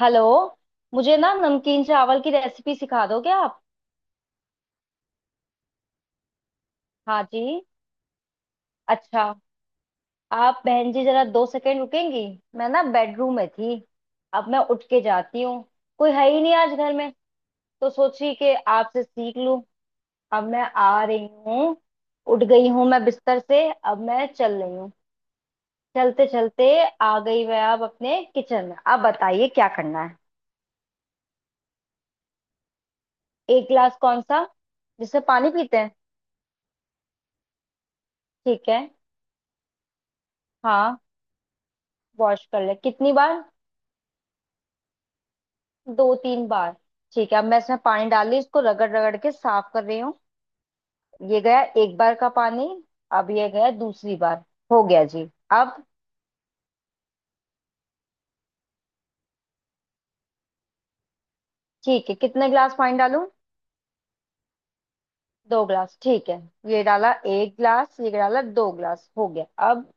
Hello. मुझे ना नमकीन चावल की रेसिपी सिखा दोगे आप। हाँ जी। अच्छा। आप बहन जी जरा 2 सेकंड रुकेंगी। मैं ना बेडरूम में थी। अब मैं उठ के जाती हूँ। कोई है ही नहीं आज घर में। तो सोची कि आपसे सीख लूँ। अब मैं आ रही हूँ। उठ गई हूँ मैं बिस्तर से, अब मैं चल रही हूँ। चलते चलते आ गई मैं, अब अपने किचन में। आप बताइए क्या करना है। एक गिलास कौन सा। जिससे पानी पीते हैं। ठीक है। हाँ। वॉश कर ले कितनी बार। दो तीन बार। ठीक है, अब मैं इसमें पानी डाल ली, इसको रगड़ रगड़ के साफ कर रही हूँ। ये गया एक बार का पानी। अब ये गया दूसरी बार। हो गया जी अब। ठीक है। कितने गिलास पानी डालूं। 2 गिलास ठीक है। ये डाला एक गिलास, ये डाला 2 गिलास। हो गया। अब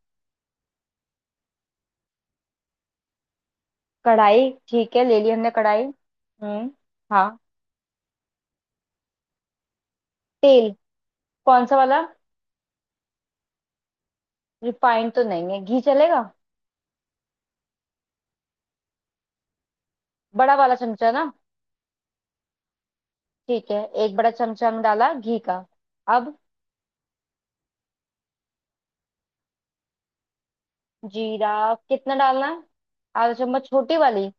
कढ़ाई। ठीक है, ले ली हमने कढ़ाई। हम्म। हाँ। तेल कौन सा वाला। रिफाइंड तो नहीं है, घी चलेगा। बड़ा वाला चमचा ना। ठीक है। एक बड़ा चमचा हमने डाला घी का। अब जीरा कितना डालना है। आधा चम्मच छोटी वाली।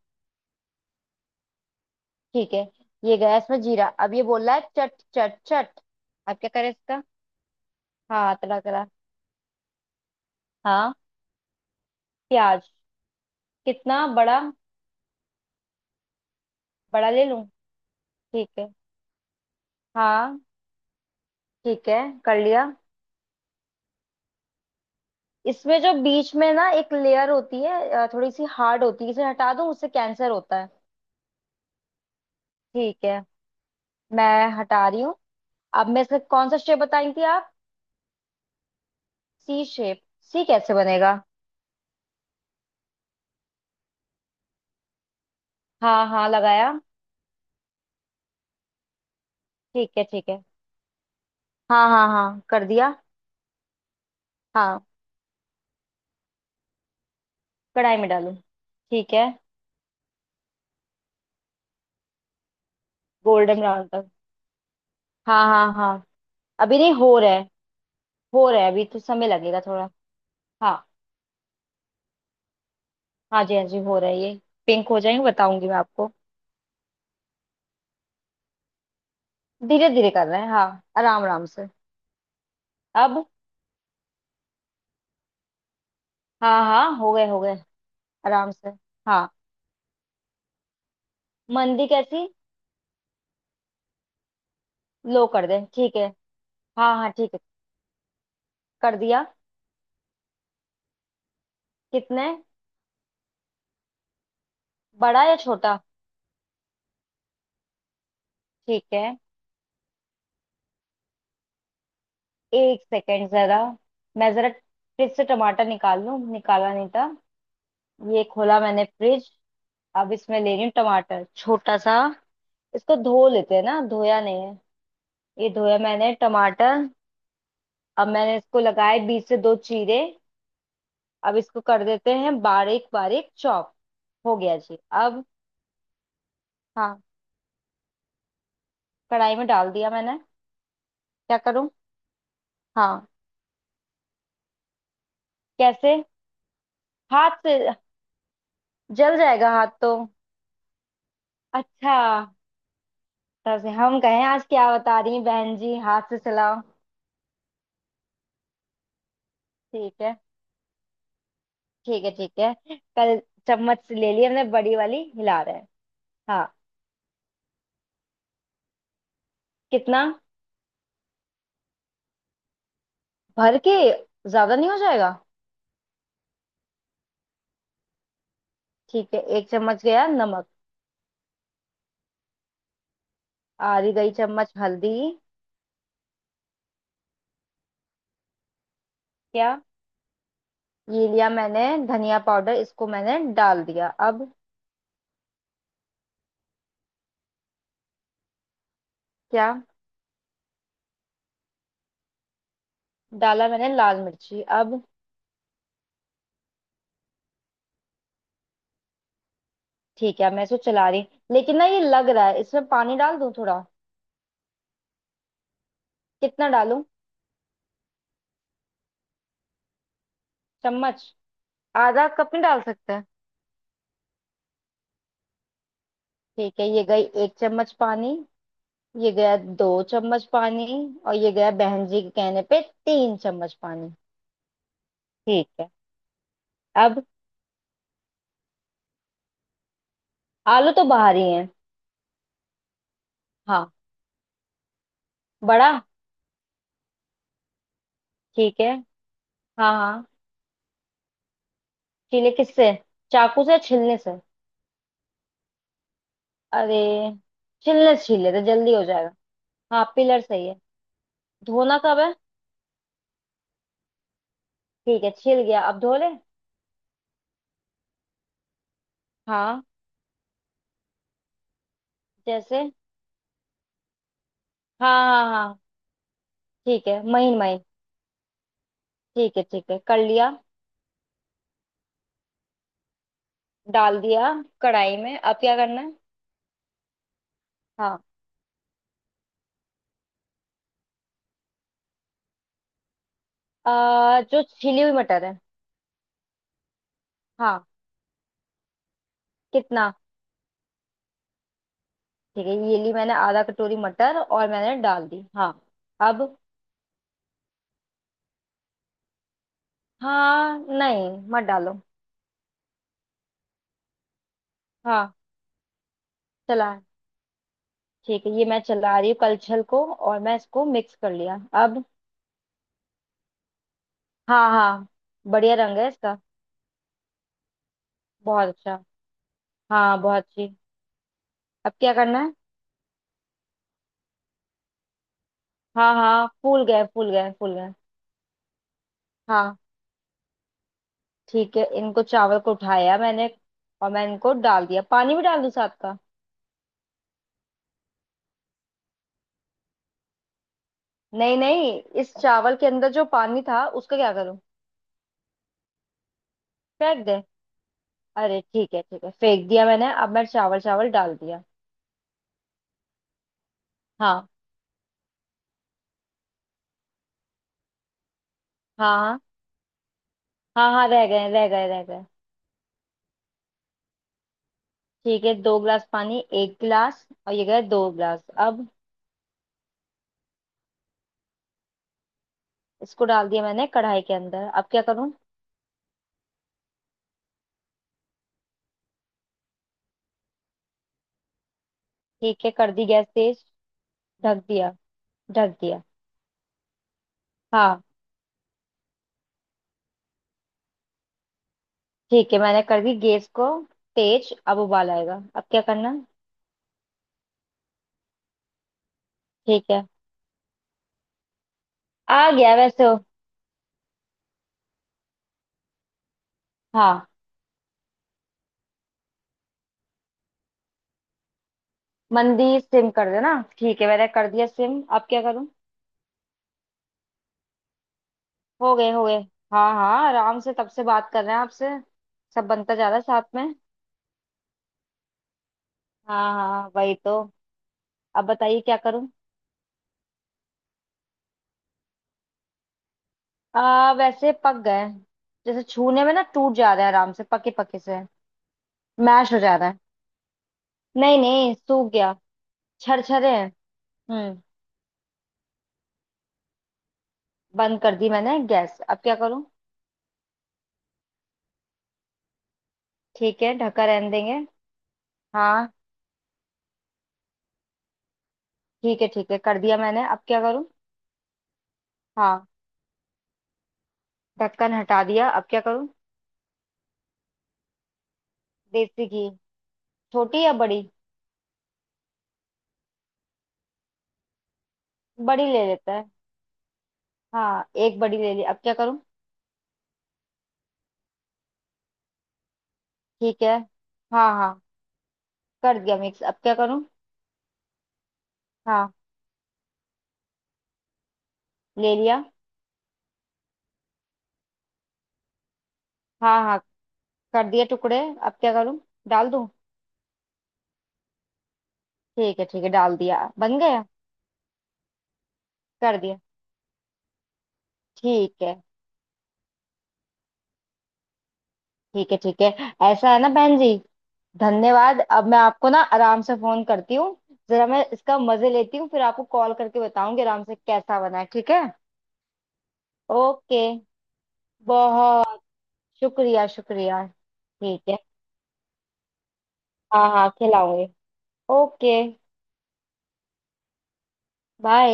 ठीक है, ये गया इसमें जीरा। अब ये बोल रहा है चट चट चट। अब क्या करें इसका। हाँ तड़ा करा। हाँ। प्याज कितना बड़ा। बड़ा ले लूं। ठीक है। हाँ। ठीक है, कर लिया। इसमें जो बीच में ना एक लेयर होती है, थोड़ी सी हार्ड होती है, इसे हटा दूं। उससे कैंसर होता है। ठीक है, मैं हटा रही हूँ। अब मैं इसका कौन सा शेप बताई थी आप। सी शेप। सी कैसे बनेगा। हाँ हाँ, लगाया। ठीक है ठीक है। हाँ हाँ हाँ, कर दिया। हाँ। कढ़ाई में डालूं। ठीक है। गोल्डन ब्राउन तक। हाँ हाँ हाँ। अभी नहीं हो रहा है। हो रहा है, अभी तो समय लगेगा थोड़ा। हाँ। हाँ जी हाँ जी, हो रहा है ये। पिंक हो जाएंगे बताऊंगी मैं आपको। धीरे धीरे कर रहे हैं, हाँ, आराम आराम से। अब। हाँ हाँ, हो गए हो गए। आराम से। हाँ। मंदी कैसी। लो कर दे ठीक है। हाँ हाँ ठीक है, कर दिया। कितने। बड़ा या छोटा। ठीक है, एक सेकेंड जरा। मैं जरा फ्रिज से टमाटर निकाल लूं, निकाला नहीं था। ये खोला मैंने फ्रिज। अब इसमें ले रही हूँ टमाटर छोटा सा। इसको धो लेते हैं ना, धोया नहीं है। ये धोया मैंने टमाटर। अब मैंने इसको लगाए बीच से 2 चीरे। अब इसको कर देते हैं बारीक बारीक चॉप। हो गया जी अब। हाँ, कढ़ाई में डाल दिया मैंने। क्या करूँ। हाँ। कैसे। हाथ से। जल जाएगा हाथ तो। अच्छा। तब से हम कहें आज क्या बता रही हैं बहन जी, हाथ से चलाओ। ठीक है। ठीक है ठीक है। कल चम्मच से ले ली हमने, बड़ी वाली, हिला रहे हैं। हाँ। कितना। भर के ज्यादा नहीं हो जाएगा। ठीक है, एक चम्मच गया नमक। आधी गई चम्मच हल्दी। क्या। ये लिया मैंने धनिया पाउडर, इसको मैंने डाल दिया अब। क्या। डाला मैंने लाल मिर्ची अब। ठीक है, मैं इसको चला रही। लेकिन ना ये लग रहा है, इसमें पानी डाल दूं थोड़ा। कितना डालूं। चम्मच। आधा कप नहीं डाल सकते। ठीक है, ये गई एक चम्मच पानी। ये गया 2 चम्मच पानी। और ये गया, बहन जी के कहने पे, 3 चम्मच पानी। ठीक है। अब। आलू तो बाहर ही है। हाँ। बड़ा। ठीक है। हाँ हाँ। छीले किससे। चाकू से या छीलने से। अरे, छीलने से छील लेते जल्दी हो जाएगा। हाँ पिलर सही है। धोना कब है। ठीक है, छिल गया, अब धो ले। हाँ। जैसे। हाँ हाँ हाँ। ठीक है, महीन महीन। ठीक है ठीक है, कर लिया। डाल दिया कढ़ाई में, अब क्या करना है। हाँ। जो छिली हुई मटर है। हाँ। कितना। ठीक है, ये ली मैंने आधा कटोरी मटर और मैंने डाल दी। हाँ। अब। हाँ, नहीं मत डालो। हाँ चला। ठीक है, ये मैं चला रही हूँ कलछल को और मैं इसको मिक्स कर लिया। अब। हाँ हाँ। बढ़िया रंग है इसका। बहुत अच्छा। हाँ, बहुत अच्छी। अब क्या करना है। हाँ हाँ, फूल गए फूल गए फूल गए। हाँ। ठीक है, इनको चावल को उठाया मैंने। और मैं इनको डाल दिया। पानी भी डाल दूँ साथ का। नहीं नहीं। इस चावल के अंदर जो पानी था उसका क्या करूँ। फेंक दे। अरे ठीक है ठीक है, फेंक दिया मैंने। अब मैं चावल चावल डाल दिया। हाँ। हाँ हाँ हाँ, रह गए रह गए रह गए। ठीक है, दो गिलास पानी, एक गिलास, और ये गए 2 गिलास। अब इसको डाल दिया मैंने कढ़ाई के अंदर, अब क्या करूँ। ठीक है, कर दी गैस तेज। ढक दिया। ढक दिया। हाँ। ठीक है, मैंने कर दी गैस को तेज। अब उबाल आएगा, अब क्या करना है? ठीक है। आ गया वैसे। हाँ। मंदी सिम कर देना। ठीक है, मैंने कर दिया सिम, अब क्या करूँ। हो गए हो गए। हाँ हाँ, आराम से तब से बात कर रहे हैं आपसे। सब बनता जा रहा है साथ में। हाँ हाँ, वही तो। अब बताइए क्या करूँ। वैसे पक गए। जैसे छूने में ना टूट जा रहे हैं, आराम से, पके पके से। मैश हो जा रहा है। नहीं नहीं, सूख गया। छरछरे हैं। हम्म। बंद कर दी मैंने गैस, अब क्या करूं। ठीक है, ढक्कन रहने देंगे। हाँ। ठीक है ठीक है, कर दिया मैंने, अब क्या करूं। हाँ। ढक्कन हटा दिया, अब क्या करूं। देसी घी। छोटी या बड़ी। बड़ी ले लेता है। हाँ, एक बड़ी ले ली, अब क्या करूं। ठीक है। हाँ हाँ, कर दिया मिक्स, अब क्या करूं। हाँ, ले लिया। हाँ हाँ, कर दिए टुकड़े, अब क्या करूं, डाल दूं। ठीक है ठीक है, डाल दिया, बन गया। कर दिया। ठीक है ठीक है ठीक है। ऐसा है ना बहन जी। धन्यवाद, अब मैं आपको ना आराम से फोन करती हूँ। जरा मैं इसका मजे लेती हूँ, फिर आपको कॉल करके बताऊंगी आराम से कैसा बना है, ठीक है। ओके। बहुत शुक्रिया, शुक्रिया, ठीक है। हाँ हाँ, खिलाऊंगी। Okay bye.